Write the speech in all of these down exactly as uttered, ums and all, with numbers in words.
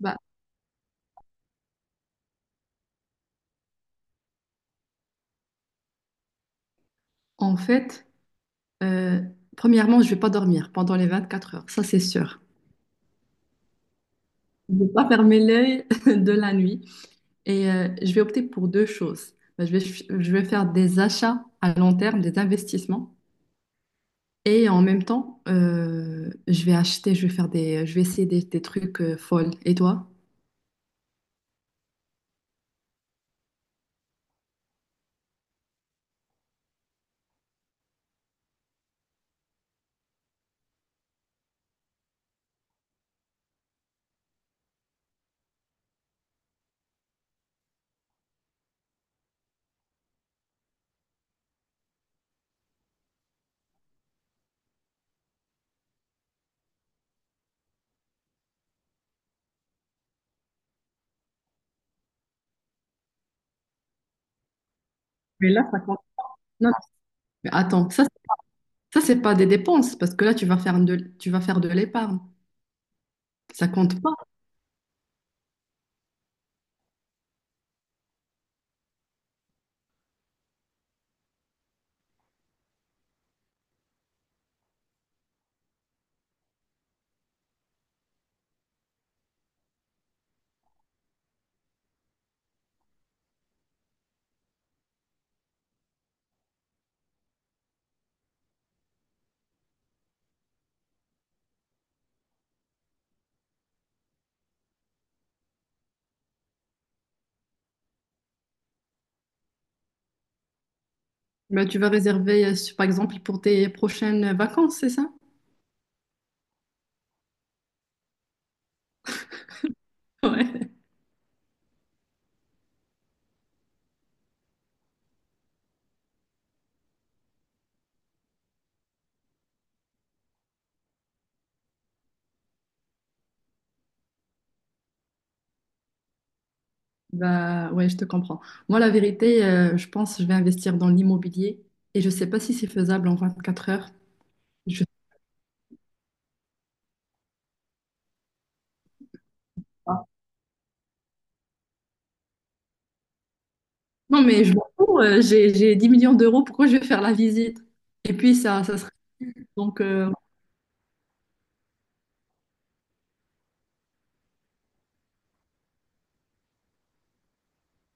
Bah, en fait, euh, premièrement, je vais pas dormir pendant les vingt-quatre heures, ça c'est sûr. Je vais pas fermer l'œil de la nuit et euh, je vais opter pour deux choses. Bah, je vais, je vais faire des achats à long terme, des investissements et en même temps, euh, je vais acheter, je vais faire des, je vais essayer des, des trucs euh, folles. Et toi? Mais là, ça compte. Non, mais attends, ça, ça c'est pas des dépenses parce que là tu vas faire de, tu vas faire de l'épargne. Ça compte pas. Bah, tu vas réserver, euh, par exemple, pour tes prochaines vacances, c'est ça? Ouais. Bah ouais, je te comprends. Moi, la vérité, euh, je pense que je vais investir dans l'immobilier et je sais pas si c'est faisable en vingt-quatre heures. Je sais pas. Non, mais je m'en fous, euh, j'ai, j'ai dix millions d'euros, pourquoi je vais faire la visite? Et puis ça, ça serait donc euh,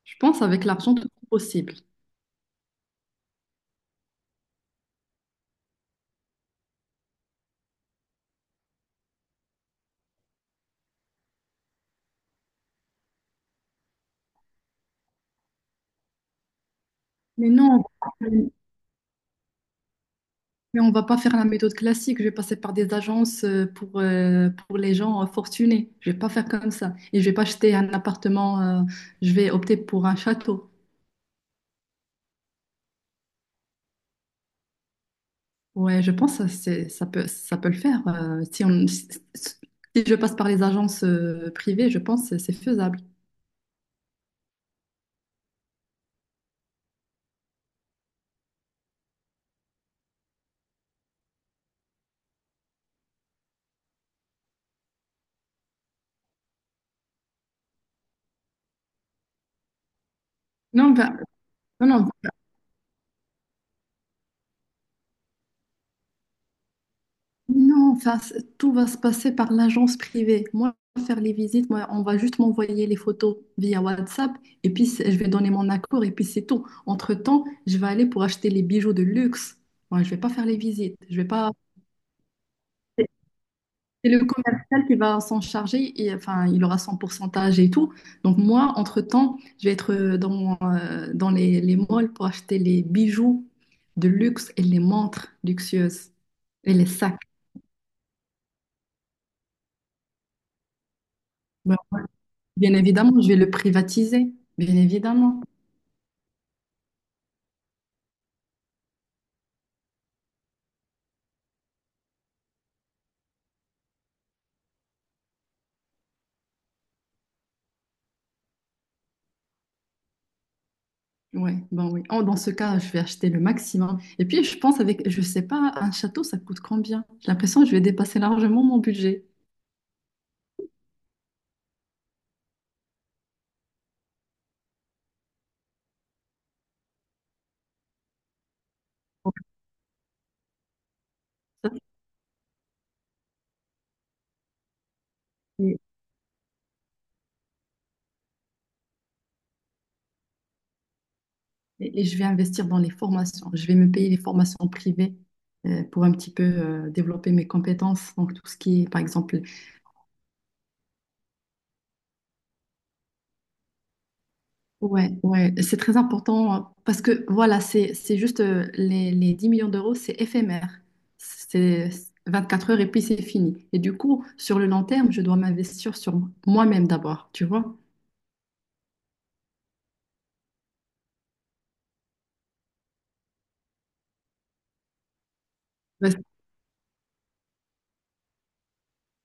je pense avec l'argent tout est possible. Mais non, mais on va pas faire la méthode classique, je vais passer par des agences euh, pour, euh, pour les gens euh, fortunés. Je vais pas faire comme ça. Et je vais pas acheter un appartement, euh, je vais opter pour un château. Ouais, je pense que c'est, ça peut, ça peut le faire. euh, si on, si si si je passe par les agences euh, privées, je pense que c'est faisable. Non, bah, non, non, bah, non, enfin, c'est- tout va se passer par l'agence privée. Moi, je vais faire les visites, moi, on va juste m'envoyer les photos via WhatsApp et puis c'est- je vais donner mon accord et puis c'est tout. Entre-temps, je vais aller pour acheter les bijoux de luxe. Moi, je vais pas faire les visites. Je vais pas. C'est le commercial qui va s'en charger et enfin, il aura son pourcentage et tout. Donc moi, entre-temps, je vais être euh, dans, euh, dans les, les malls pour acheter les bijoux de luxe et les montres luxueuses et les sacs. Ben, ouais, bien évidemment, je vais le privatiser, bien évidemment. Ouais, ben oui. Oh, dans ce cas, je vais acheter le maximum. Et puis, je pense avec, je sais pas, un château, ça coûte combien? J'ai l'impression que je vais dépasser largement mon budget. Ouais, Ça, c'est- et, et je vais investir dans les formations. Je vais me payer les formations privées euh, pour un petit peu euh, développer mes compétences. Donc, tout ce qui est, par exemple, ouais, ouais, c'est très important euh, parce que voilà, c'est, c'est juste euh, les, les dix millions d'euros, c'est éphémère. C'est vingt-quatre heures et puis c'est fini. Et du coup, sur le long terme, je dois m'investir sur moi-même d'abord, tu vois. Parce-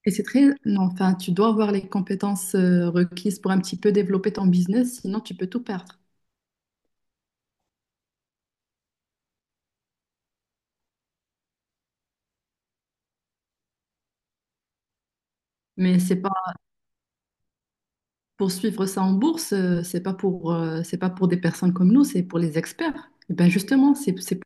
Et c'est très, non, enfin, tu dois avoir les compétences euh, requises pour un petit peu développer ton business, sinon tu peux tout perdre. Mais c'est pas poursuivre ça en bourse, euh, c'est pas pour, euh, c'est pas pour des personnes comme nous, c'est pour les experts. Et ben justement, c'est, c'est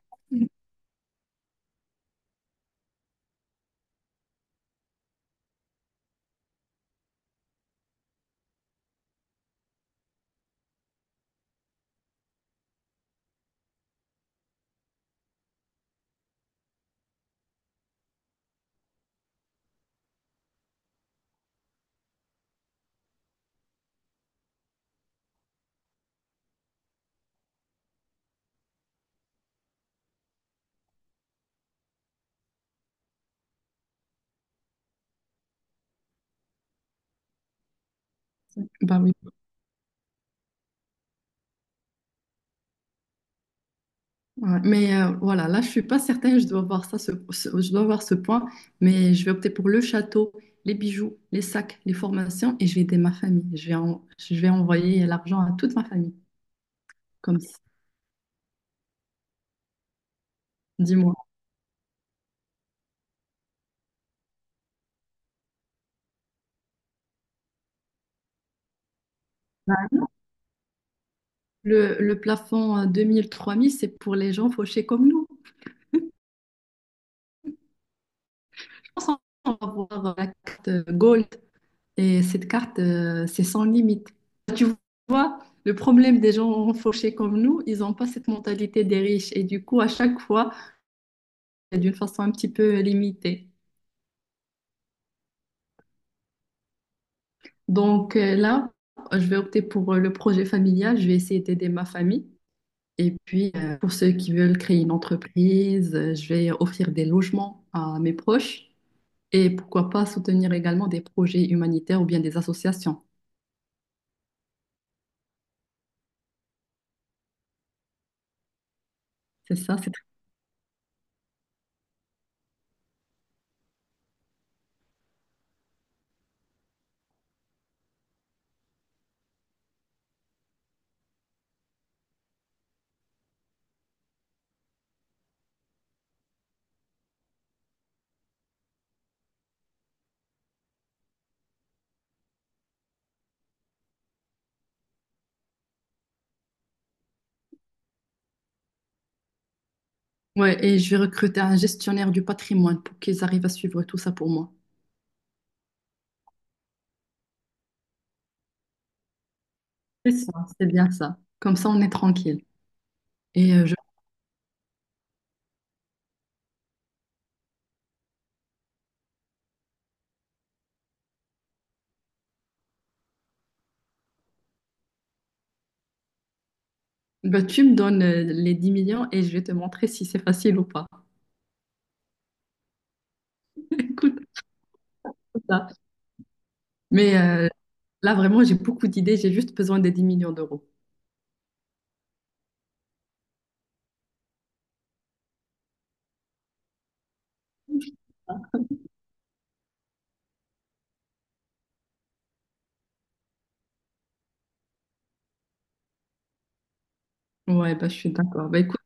ben oui. Ouais. Mais euh, voilà, là, je suis pas certaine, je dois voir ça, ce- ce- je dois voir ce point, mais je vais opter pour le château, les bijoux, les sacs, les formations, et je vais aider ma famille. Je vais, en- je vais envoyer l'argent à toute ma famille, comme ça. Dis-moi. Le, le plafond à deux mille-trois mille, c'est pour les gens fauchés comme nous. Je pense qu'on va avoir la carte euh, Gold. Et cette carte, euh, c'est sans limite. Tu vois, le problème des gens fauchés comme nous, ils n'ont pas cette mentalité des riches. Et du coup, à chaque fois, c'est d'une façon un petit peu limitée. Donc euh, là, je vais opter pour euh, le projet familial. Je vais essayer d'aider ma famille. Et puis, euh, pour ceux qui veulent créer une entreprise, euh, je vais offrir des logements à mes proches. Et pourquoi pas soutenir également des projets humanitaires ou bien des associations. C'est ça, c'est ouais, et je vais recruter un gestionnaire du patrimoine pour qu'ils arrivent à suivre tout ça pour moi. C'est ça, c'est bien ça. Comme ça, on est tranquille. Et euh, je... Bah, tu me donnes euh, les dix millions et je vais te montrer si c'est facile ou pas. Écoute, c'est ça. Mais euh, là, vraiment, j'ai beaucoup d'idées. J'ai juste besoin des dix millions d'euros. Ouais, bah, je suis d'accord. Bah, écoute,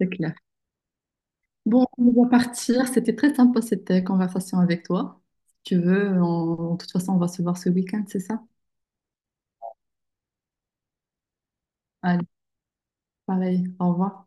c'est clair. Bon, on va partir. C'était très sympa cette euh, conversation avec toi. Si tu veux, on- de toute façon, on va se voir ce week-end, c'est ça? Allez, pareil. Au revoir.